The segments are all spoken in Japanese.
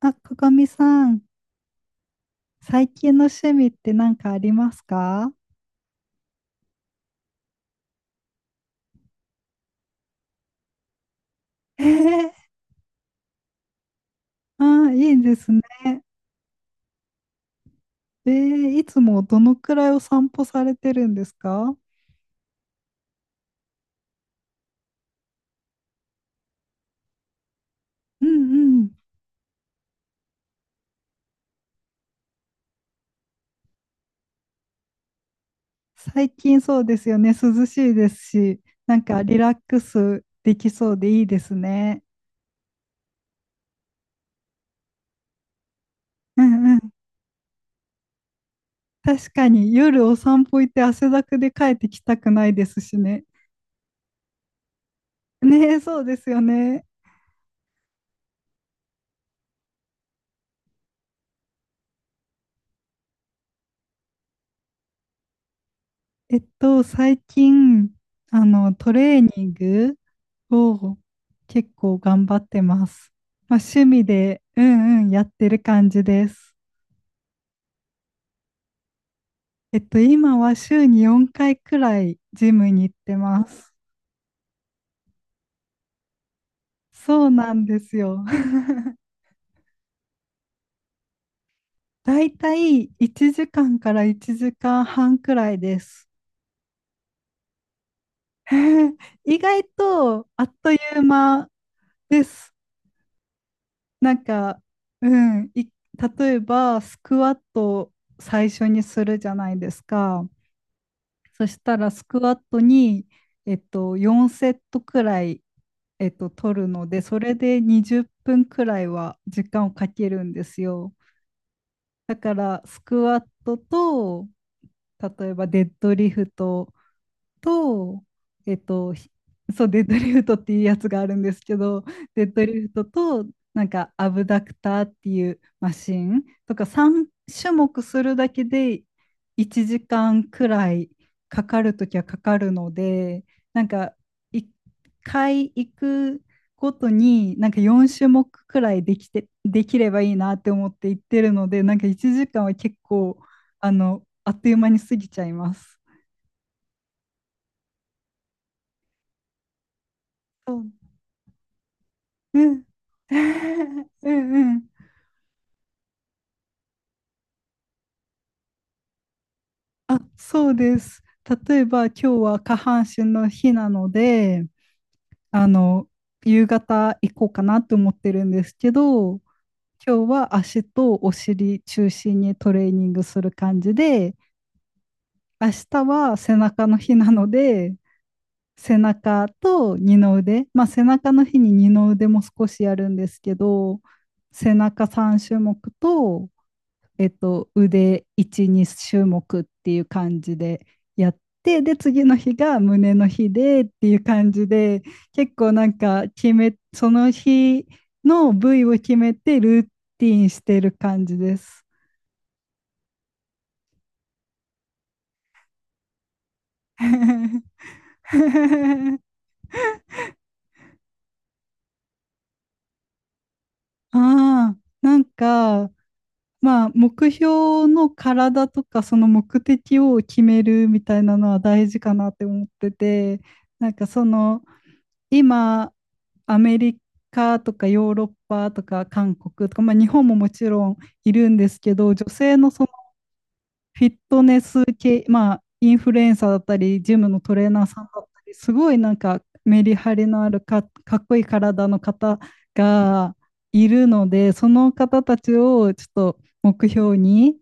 あ、ここみさん、最近の趣味って何かありますか？えーあいいですね。えいつもどのくらいお散歩されてるんですか？うんうん。最近そうですよね。涼しいですし、なんかリラックスできそうでいいですね。うんうん。確かに夜お散歩行って汗だくで帰ってきたくないですしね。ねえ、そうですよね。最近、トレーニングを結構頑張ってます。まあ、趣味で、うんうんやってる感じです。今は週に4回くらいジムに行ってます。そうなんですよ。だいたい1時間から1時間半くらいです。意外とあっという間です。なんか、うん、い例えばスクワットを最初にするじゃないですか。そしたらスクワットに、4セットくらい、取るので、それで20分くらいは時間をかけるんですよ。だから、スクワットと、例えばデッドリフトと、えっと、ひそう、デッドリフトっていうやつがあるんですけど、デッドリフトと、なんか、アブダクターっていうマシンとか、3種目するだけで1時間くらいかかるときはかかるので、なんか、1回行くごとに、なんか4種目くらいできて、できればいいなって思って行ってるので、なんか1時間は結構、あっという間に過ぎちゃいます。そううん。うんうん。あ、そうです。例えば今日は下半身の日なので、あの、夕方行こうかなと思ってるんですけど、今日は足とお尻中心にトレーニングする感じで、明日は背中の日なので、背中と二の腕、まあ背中の日に二の腕も少しやるんですけど、背中3種目と腕1、2種目っていう感じでやって、で、次の日が胸の日でっていう感じで、結構なんかその日の部位を決めてルーティンしてる感じです。ああ、なんか、まあ、目標の体とか、その目的を決めるみたいなのは大事かなって思ってて、なんかその、今、アメリカとかヨーロッパとか韓国とか、まあ、日本ももちろんいるんですけど、女性のそのフィットネス系、まあ、インフルエンサーだったり、ジムのトレーナーさんだったり、すごいなんかメリハリのあるかっこいい体の方がいるので、その方たちをちょっと目標に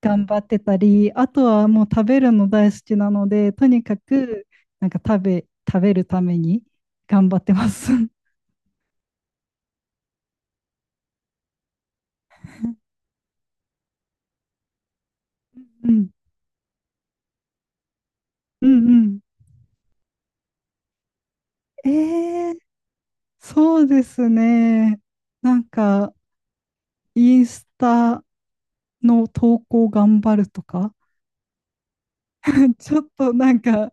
頑張ってたり、あとはもう食べるの大好きなので、とにかくなんか食べるために頑張ってます。うん、うんうん。えーそうですね。なんか、インスタの投稿頑張るとか、ちょっとなんか、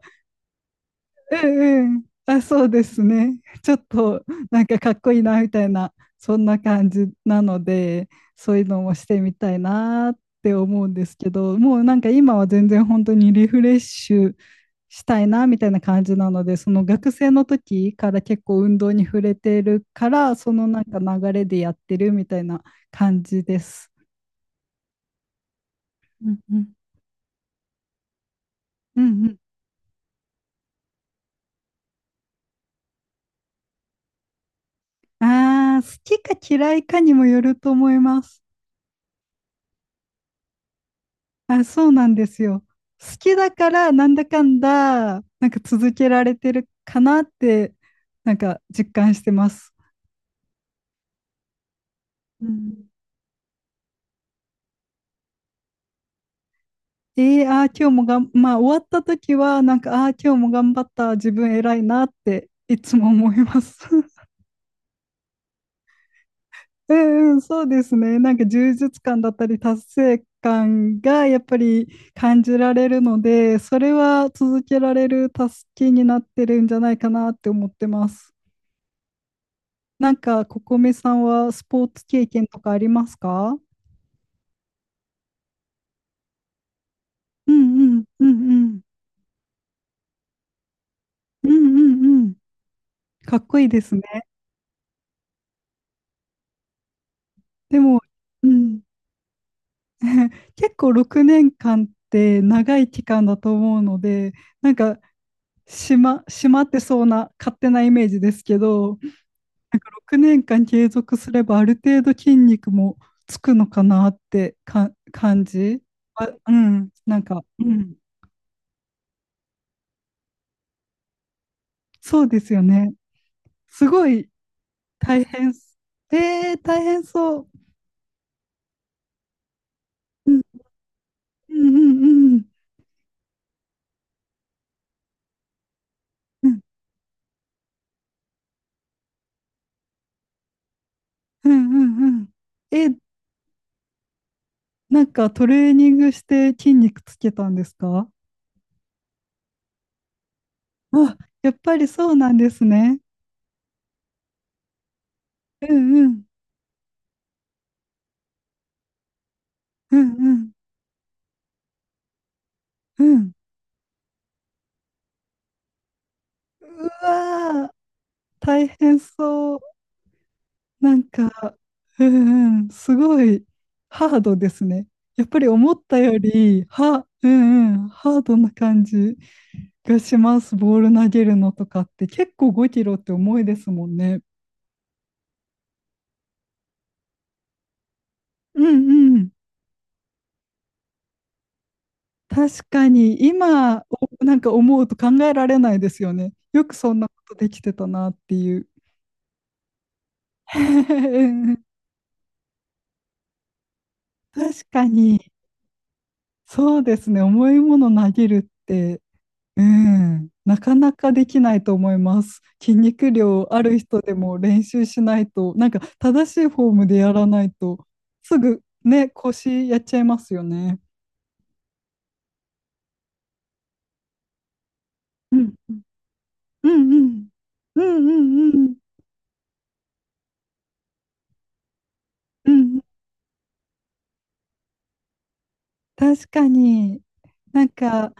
うんうん。あ、そうですね。ちょっとなんかかっこいいなみたいな、そんな感じなので、そういうのもしてみたいなって思うんですけど、もうなんか今は全然本当にリフレッシュしたいなみたいな感じなので、その学生の時から結構運動に触れてるから、そのなんか流れでやってるみたいな感じです。うんうん。うんうん。ああ、好きか嫌いかにもよると思います。あ、そうなんですよ。好きだからなんだかんだ、なんか続けられてるかなって、なんか実感してます。うん。えー、あー今日もがん、まあ終わった時は、なんか、あー今日も頑張った、自分偉いなっていつも思います。うんうん、そうですね。なんか充実感だったり、達成感がやっぱり感じられるので、それは続けられる助けになってるんじゃないかなって思ってます。なんか、ここめさんはスポーツ経験とかありますか？うん、うん、うん、うん、うん、うん、うん。かっこいいですね。でも、うん、結構6年間って長い期間だと思うので、なんか、しまってそうな勝手なイメージですけど、なんか6年間継続すればある程度筋肉もつくのかなって感じ。あ、うん、なんか、うん、そうですよね。すごい大変す。大変そう。うん、うん、うん、うん、うん、うん、うん。え、なんかトレーニングして筋肉つけたんですか？あ、やっぱりそうなんですね。うん、うん、うん、うん、うん。うわー、大変そう。なんか、うん、うん、すごいハードですね。やっぱり思ったより、うん、うん、ハードな感じ。がします。ボール投げるのとかって結構5キロって重いですもんね。うんうん。確かに今なんか思うと考えられないですよね。よくそんなことできてたなっていう。確かにそうですね。重いもの投げるって、うん、なかなかできないと思います。筋肉量ある人でも練習しないと、なんか正しいフォームでやらないとすぐね、腰やっちゃいますよね。うんうんうん。うんうんうん。うんうんうん。確かに。なんか、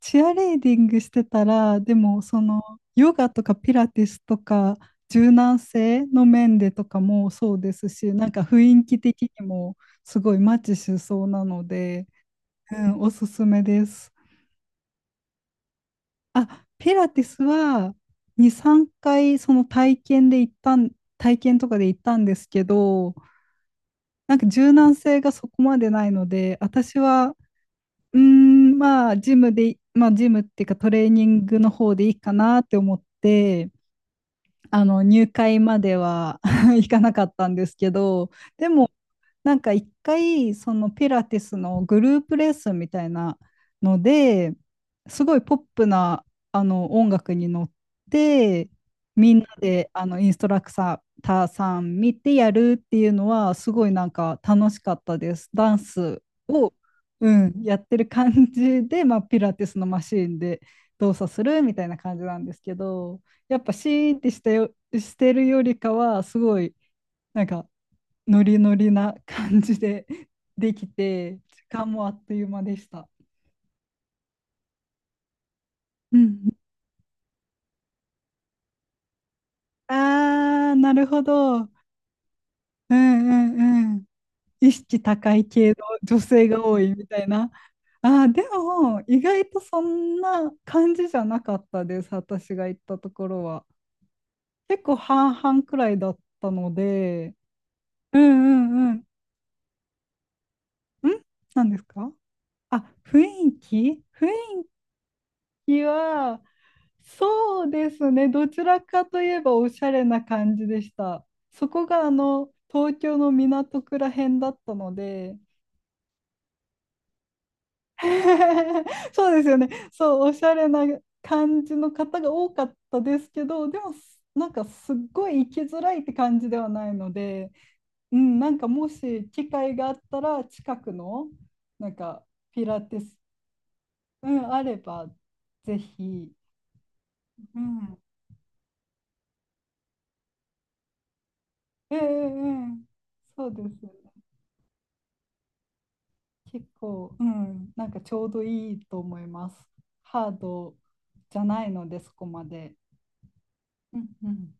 チアレーディングしてたら、でも、その、ヨガとかピラティスとか、柔軟性の面でとかもそうですし、なんか雰囲気的にもすごいマッチしそうなので、うん、おすすめです。あ、ピラティスは2、3回その体験で行ったん、体験とかで行ったんですけど、なんか柔軟性がそこまでないので、私はまあ、ジムで、まあ、ジムっていうかトレーニングの方でいいかなって思って、あの入会までは 行かなかったんですけどでもなんか一回そのピラティスのグループレッスンみたいなのですごいポップなあの音楽に乗ってみんなであのインストラクターさん見てやるっていうのはすごいなんか楽しかったです。ダンスを、うん、やってる感じで、まあ、ピラティスのマシーンで動作するみたいな感じなんですけど。やっぱシーンってしてるよりかは、すごい、なんか、ノリノリな感じで できて、時間もあっという間でした。うん、なるほど。うんうんうん。意識高い系の女性が多いみたいな。あー、でも、意外とそんな感じじゃなかったです、私が行ったところは。結構半々くらいだったので、うんうんうん。何ですか？あ、雰囲気は、そうですね。どちらかといえばおしゃれな感じでした。そこが東京の港区ら辺だったので、そうですよね。そう、おしゃれな感じの方が多かったですけど、でも、なんかすっごい行きづらいって感じではないので、うん、なんかもし機会があったら、近くの、なんか、ピラティス、うん、あれば、ぜひ。うん、ええええ、そうですね。結構、うん、なんかちょうどいいと思います。ハードじゃないので、そこまで。うんうん